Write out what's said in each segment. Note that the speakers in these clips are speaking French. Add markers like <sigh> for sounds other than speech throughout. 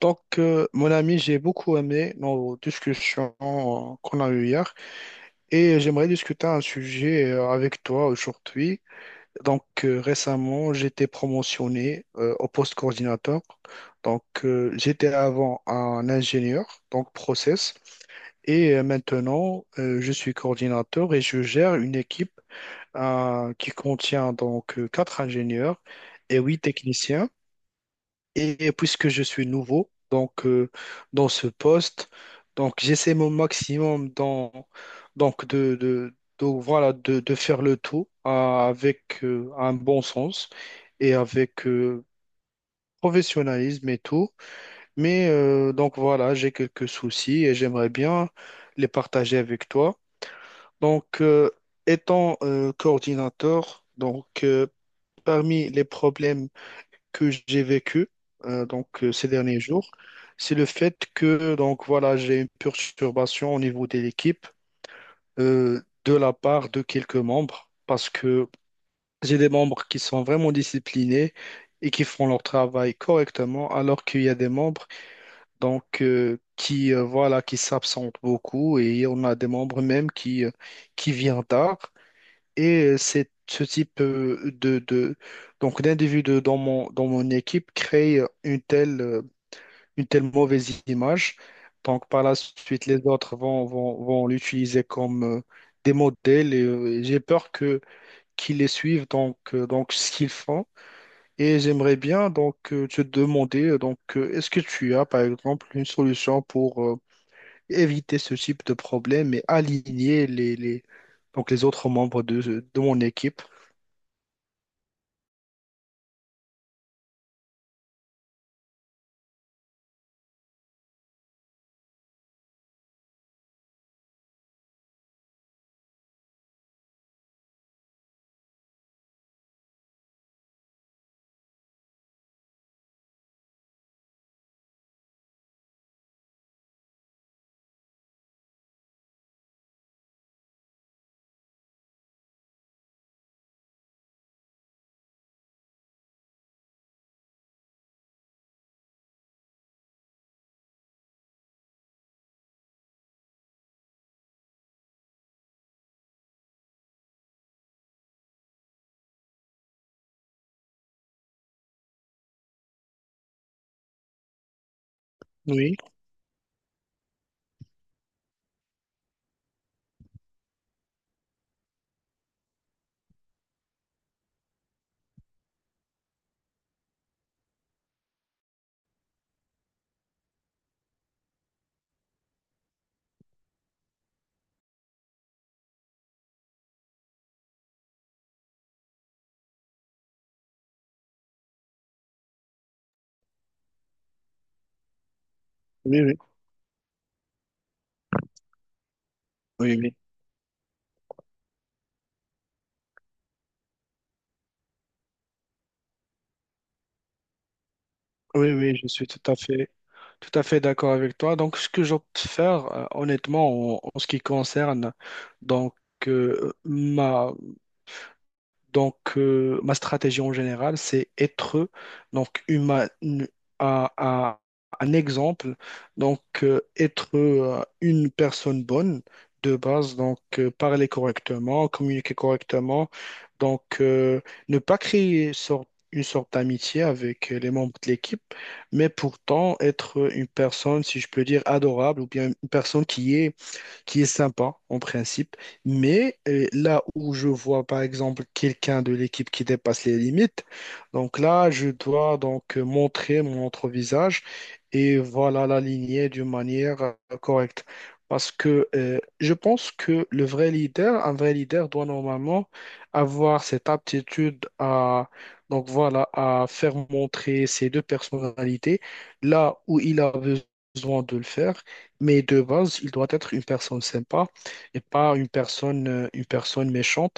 Mon ami, j'ai beaucoup aimé nos discussions qu'on a eues hier et j'aimerais discuter un sujet avec toi aujourd'hui. Récemment, j'étais promotionné au poste coordinateur. J'étais avant un ingénieur, donc process, et maintenant, je suis coordinateur et je gère une équipe qui contient 4 ingénieurs et 8 techniciens. Et puisque je suis nouveau, dans ce poste, donc j'essaie mon maximum dans, donc voilà de faire le tout avec un bon sens et avec professionnalisme et tout. Mais donc voilà, j'ai quelques soucis et j'aimerais bien les partager avec toi. Donc euh, Étant coordinateur, parmi les problèmes que j'ai vécu ces derniers jours, c'est le fait que donc voilà, j'ai une perturbation au niveau de l'équipe de la part de quelques membres parce que j'ai des membres qui sont vraiment disciplinés et qui font leur travail correctement, alors qu'il y a des membres qui voilà qui s'absentent beaucoup et on a des membres même qui viennent tard. Et c'est ce type de donc d'individu dans mon équipe crée une telle mauvaise image. Donc par la suite, les autres vont l'utiliser comme des modèles et j'ai peur que qu'ils les suivent donc ce qu'ils font. Et j'aimerais bien te demander est-ce que tu as par exemple une solution pour éviter ce type de problème et aligner les donc les autres membres de mon équipe? Oui. Oui, oui, oui, oui, oui, oui, je suis tout à fait d'accord avec toi. Donc, ce que j'opte faire, honnêtement, en ce qui concerne donc euh, ma, ma stratégie en général, c'est être donc humain un, un- un exemple, être une personne bonne de base, parler correctement, communiquer correctement, donc euh, ne pas créer sorte- une sorte d'amitié avec les membres de l'équipe, mais pourtant être une personne, si je peux dire, adorable ou bien une personne qui est sympa en principe, mais là où je vois par exemple quelqu'un de l'équipe qui dépasse les limites, donc là je dois montrer mon autre visage et voilà la lignée d'une manière correcte. Parce que je pense que un vrai leader doit normalement avoir cette aptitude à, donc voilà, à faire montrer ses deux personnalités là où il a besoin de le faire, mais de base, il doit être une personne sympa et pas une personne, une personne méchante.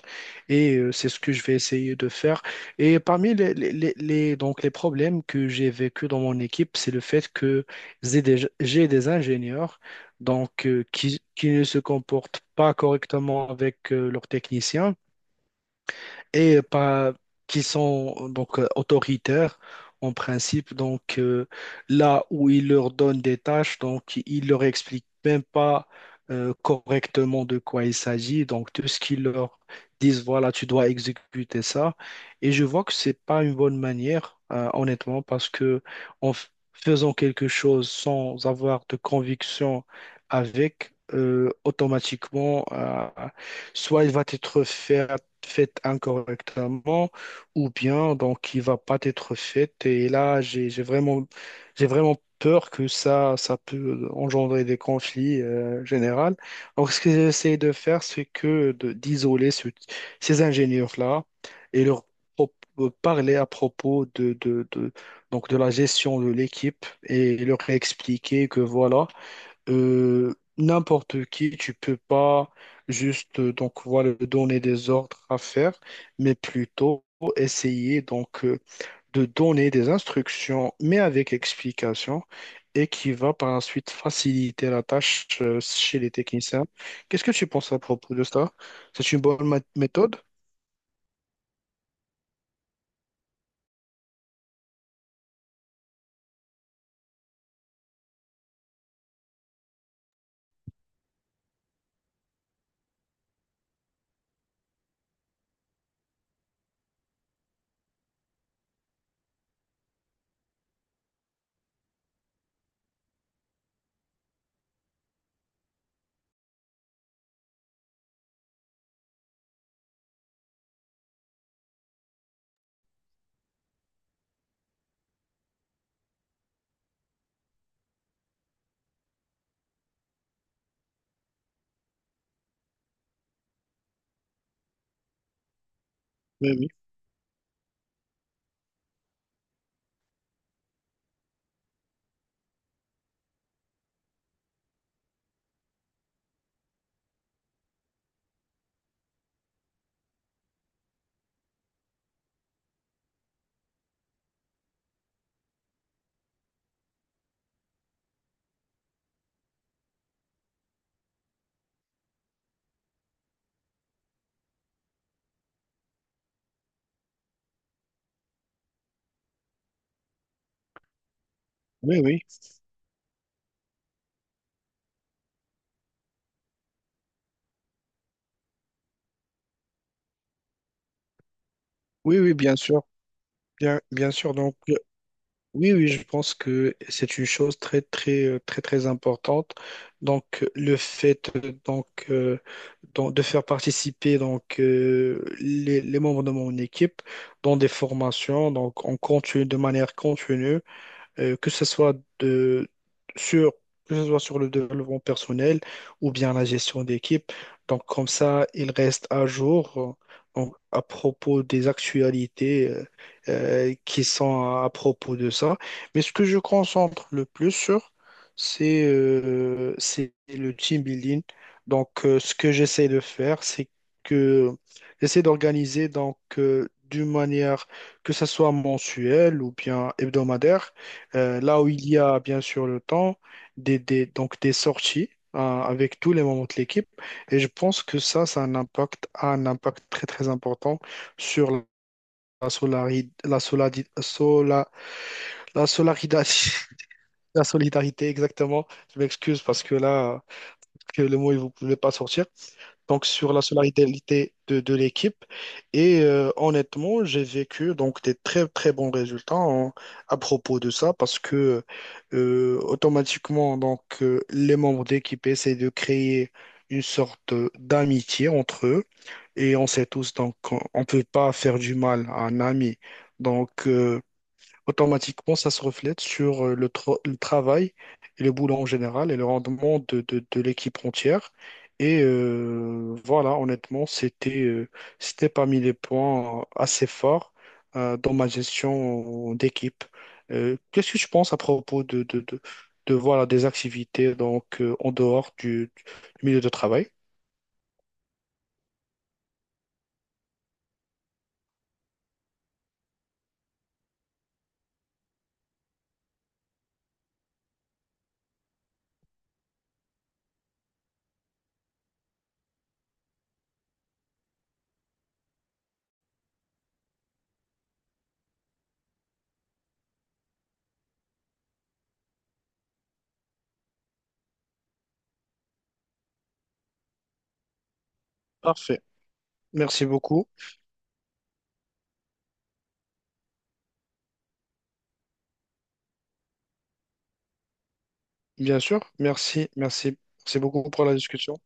Et c'est ce que je vais essayer de faire. Et parmi donc les problèmes que j'ai vécu dans mon équipe, c'est le fait que j'ai des ingénieurs qui ne se comportent pas correctement avec leurs techniciens et pas qui sont autoritaires en principe. Là où ils leur donnent des tâches, donc ils leur expliquent même pas correctement de quoi il s'agit. Donc tout ce qu'ils leur disent, voilà, tu dois exécuter ça. Et je vois que c'est pas une bonne manière, honnêtement, parce que faisant quelque chose sans avoir de conviction avec, automatiquement, soit il va être fait, fait incorrectement, ou bien donc il va pas être fait. Et là, j'ai vraiment peur que ça peut engendrer des conflits généraux. Donc, ce que j'essaie de faire, c'est que d'isoler ces ingénieurs-là et leur parler à propos donc de la gestion de l'équipe et leur expliquer que voilà n'importe qui, tu peux pas juste donc voilà donner des ordres à faire, mais plutôt essayer de donner des instructions, mais avec explication, et qui va par la suite faciliter la tâche chez les techniciens. Qu'est-ce que tu penses à propos de ça? C'est une bonne méthode? Oui, oui, oui, oui, oui, oui, bien sûr, bien sûr. Donc oui, oui, je pense que c'est une chose très, très importante. Le fait donc, de faire participer les membres de mon équipe dans des formations, donc on continue de manière continue que ce soit de, sur, que ce soit sur le développement personnel ou bien la gestion d'équipe. Donc, comme ça, il reste à jour à propos des actualités qui sont à propos de ça. Mais ce que je concentre le plus sur, c'est le team building. Ce que j'essaie de faire, c'est que j'essaie d'organiser d'une manière que ça soit mensuelle ou bien hebdomadaire là où il y a bien sûr le temps, donc des sorties avec tous les membres de l'équipe. Et je pense que ça a a un impact très très important sur la, solari- la, soladi- sola- la solidarité. <laughs> La solidarité, exactement. Je m'excuse parce que là, que le mot, il ne voulait pas sortir donc sur la solidarité de l'équipe. Et honnêtement, j'ai vécu donc des très très bons résultats à propos de ça parce que automatiquement les membres de l'équipe essaient de créer une sorte d'amitié entre eux et on sait tous donc on peut pas faire du mal à un ami. Donc euh, Automatiquement, ça se reflète sur le travail et le boulot en général et le rendement de l'équipe entière. Et voilà, honnêtement, c'était c'était parmi les points assez forts dans ma gestion d'équipe. Qu'est-ce que tu penses à propos voilà, des activités en dehors du milieu de travail? Parfait. Merci beaucoup. Bien sûr, merci, merci. Merci beaucoup pour la discussion.